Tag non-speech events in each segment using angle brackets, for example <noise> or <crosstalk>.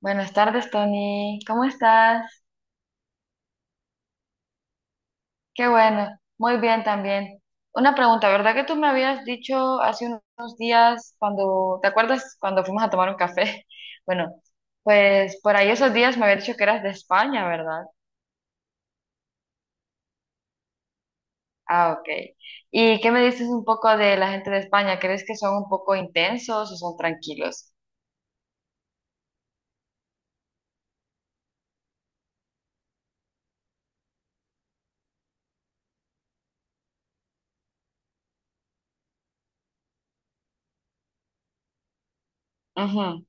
Buenas tardes, Tony. ¿Cómo estás? Qué bueno. Muy bien también. Una pregunta, ¿verdad que tú me habías dicho hace unos días cuando, ¿te acuerdas cuando fuimos a tomar un café? <laughs> Bueno, pues por ahí esos días me habías dicho que eras de España, ¿verdad? Ah, ok. ¿Y qué me dices un poco de la gente de España? ¿Crees que son un poco intensos o son tranquilos? Ujú.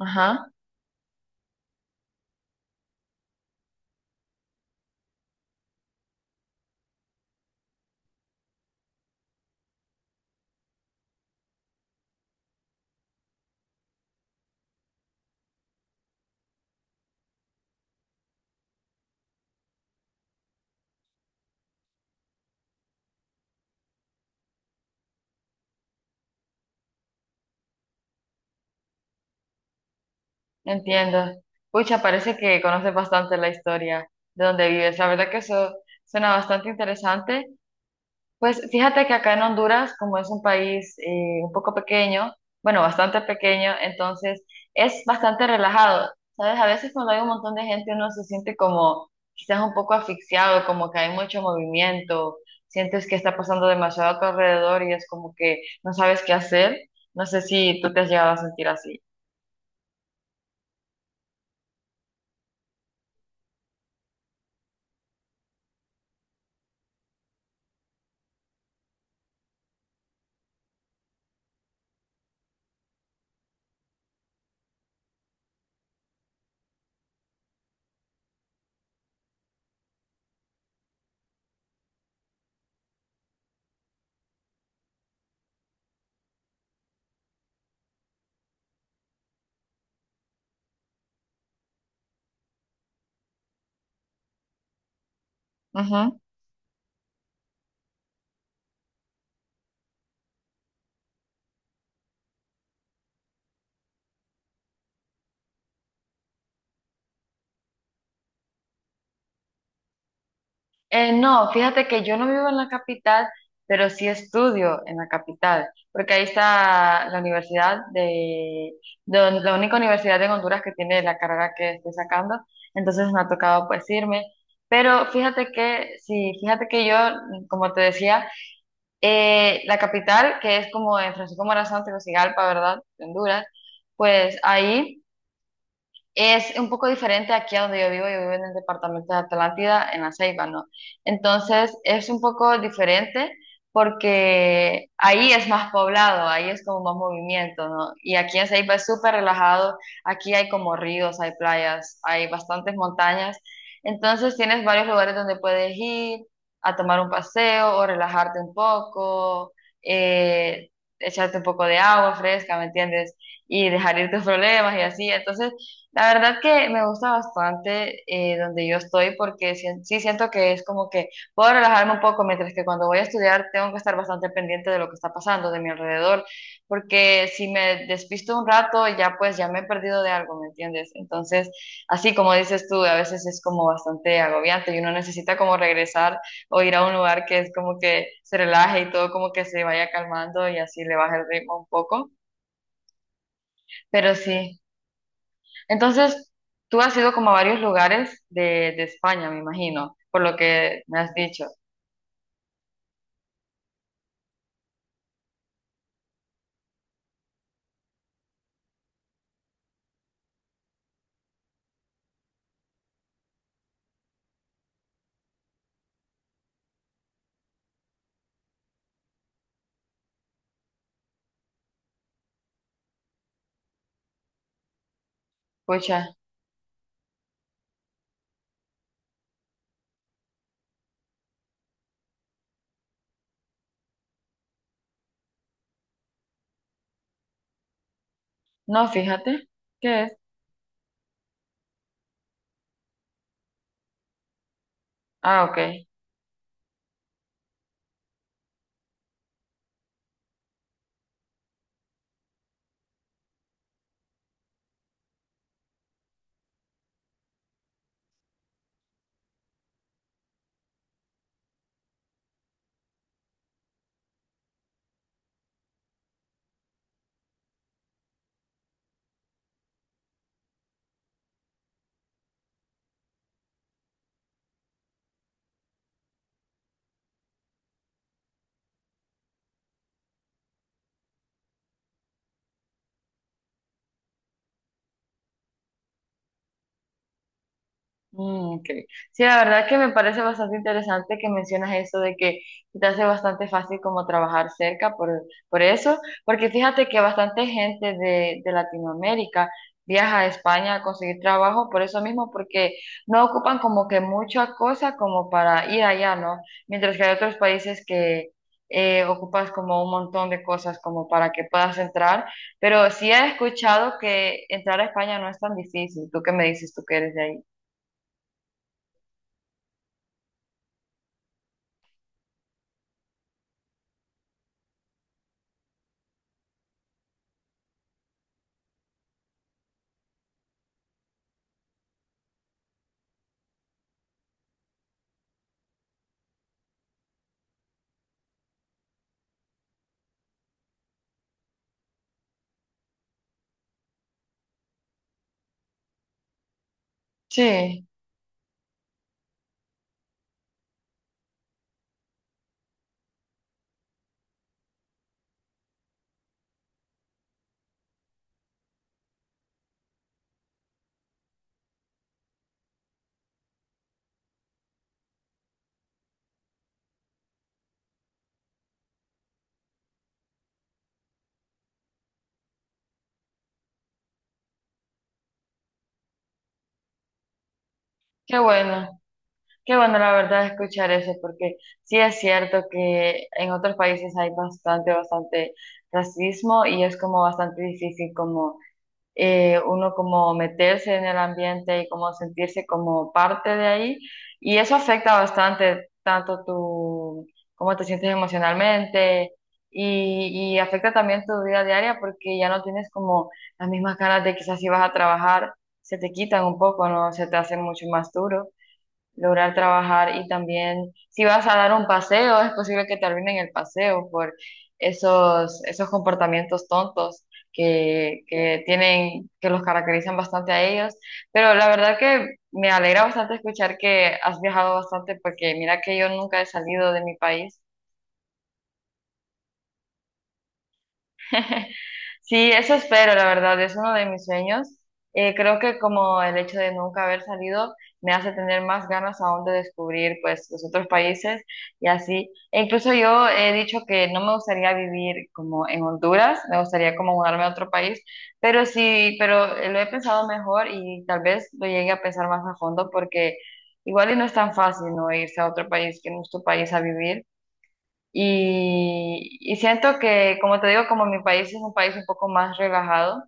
Ajá, entiendo. Pucha, parece que conoces bastante la historia de donde vives. La verdad que eso suena bastante interesante. Pues fíjate que acá en Honduras, como es un país un poco pequeño, bueno, bastante pequeño, entonces es bastante relajado. ¿Sabes? A veces cuando hay un montón de gente uno se siente como quizás un poco asfixiado, como que hay mucho movimiento, sientes que está pasando demasiado a tu alrededor y es como que no sabes qué hacer. No sé si tú te has llegado a sentir así. No, fíjate que yo no vivo en la capital, pero sí estudio en la capital, porque ahí está la universidad de, la única universidad en Honduras que tiene la carrera que estoy sacando, entonces me ha tocado pues irme. Pero fíjate que, sí, fíjate que yo, como te decía, la capital, que es como en Francisco Morazán, Tegucigalpa, ¿verdad? Honduras, pues ahí. Es un poco diferente aquí a donde yo vivo en el departamento de Atlántida, en La Ceiba, ¿no? Entonces es un poco diferente porque ahí es más poblado, ahí es como más movimiento, ¿no? Y aquí en Ceiba es súper relajado, aquí hay como ríos, hay playas, hay bastantes montañas, entonces tienes varios lugares donde puedes ir a tomar un paseo o relajarte un poco, eh, echarte un poco de agua fresca, ¿me entiendes? Y dejar ir tus problemas y así, entonces la verdad que me gusta bastante donde yo estoy porque sí, sí siento que es como que puedo relajarme un poco, mientras que cuando voy a estudiar tengo que estar bastante pendiente de lo que está pasando, de mi alrededor, porque si me despisto un rato ya pues ya me he perdido de algo, ¿me entiendes? Entonces, así como dices tú, a veces es como bastante agobiante y uno necesita como regresar o ir a un lugar que es como que se relaje y todo como que se vaya calmando y así le baja el ritmo un poco, pero sí. Entonces, tú has ido como a varios lugares de España, me imagino, por lo que me has dicho. Pucha, no, fíjate, ¿qué es? Ah, ok. Mm, ok. Sí, la verdad que me parece bastante interesante que mencionas eso de que se te hace bastante fácil como trabajar cerca por eso, porque fíjate que bastante gente de Latinoamérica viaja a España a conseguir trabajo por eso mismo, porque no ocupan como que mucha cosa como para ir allá, ¿no? Mientras que hay otros países que ocupas como un montón de cosas como para que puedas entrar, pero sí he escuchado que entrar a España no es tan difícil. ¿Tú qué me dices? ¿Tú que eres de ahí? Sí, qué bueno, qué bueno la verdad escuchar eso, porque sí es cierto que en otros países hay bastante, bastante racismo y es como bastante difícil como uno como meterse en el ambiente y como sentirse como parte de ahí. Y eso afecta bastante tanto tu, cómo te sientes emocionalmente y afecta también tu vida diaria porque ya no tienes como las mismas ganas de quizás si vas a trabajar, se te quitan un poco, ¿no? Se te hace mucho más duro lograr trabajar y también si vas a dar un paseo, es posible que terminen el paseo por esos, esos comportamientos tontos que tienen, que los caracterizan bastante a ellos. Pero la verdad que me alegra bastante escuchar que has viajado bastante porque mira que yo nunca he salido de mi país. <laughs> Sí, eso espero, la verdad, es uno de mis sueños. Creo que como el hecho de nunca haber salido me hace tener más ganas aún de descubrir pues los otros países y así. E incluso yo he dicho que no me gustaría vivir como en Honduras, me gustaría como mudarme a otro país, pero sí, pero lo he pensado mejor y tal vez lo llegue a pensar más a fondo porque igual y no es tan fácil no irse a otro país que no es tu país a vivir. Y siento que, como te digo, como mi país es un país un poco más relajado,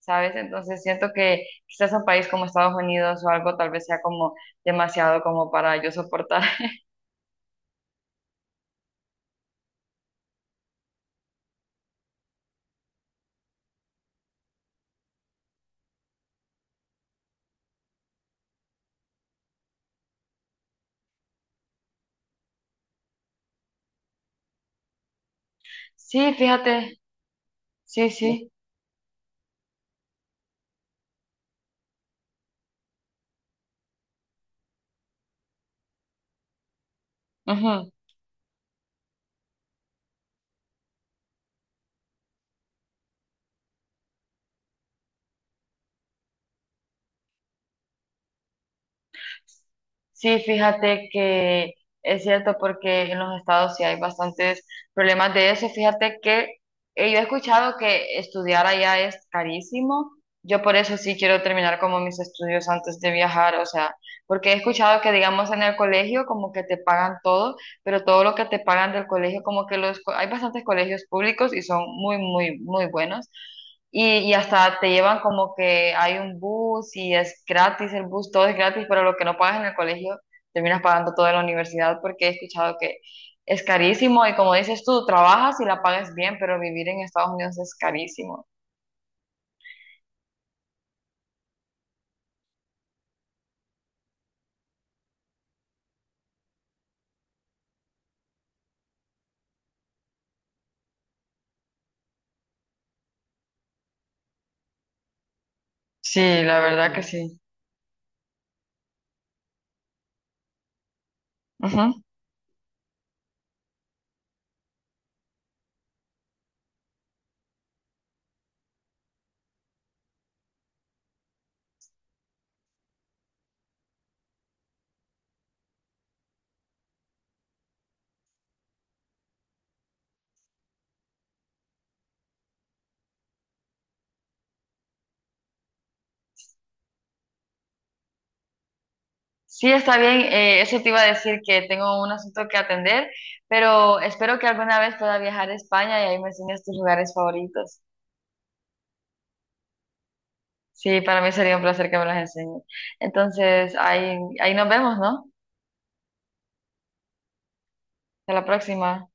¿sabes? Entonces siento que quizás un país como Estados Unidos o algo tal vez sea como demasiado como para yo soportar. <laughs> Sí, fíjate, sí, sí. Ujú. Sí, fíjate que es cierto porque en los estados sí hay bastantes problemas de eso. Fíjate que yo he escuchado que estudiar allá es carísimo. Yo por eso sí quiero terminar como mis estudios antes de viajar, o sea, porque he escuchado que digamos en el colegio como que te pagan todo, pero todo lo que te pagan del colegio como que hay bastantes colegios públicos y son muy, muy, muy buenos. Y hasta te llevan como que hay un bus y es gratis el bus, todo es gratis, pero lo que no pagas en el colegio terminas pagando todo en la universidad porque he escuchado que es carísimo y como dices tú, trabajas y la pagas bien, pero vivir en Estados Unidos es carísimo. Sí, la verdad que sí. Sí. Ujú. Sí, está bien, eso te iba a decir que tengo un asunto que atender, pero espero que alguna vez pueda viajar a España y ahí me enseñes tus lugares favoritos. Sí, para mí sería un placer que me las enseñes. Entonces, ahí, ahí nos vemos, ¿no? Hasta la próxima.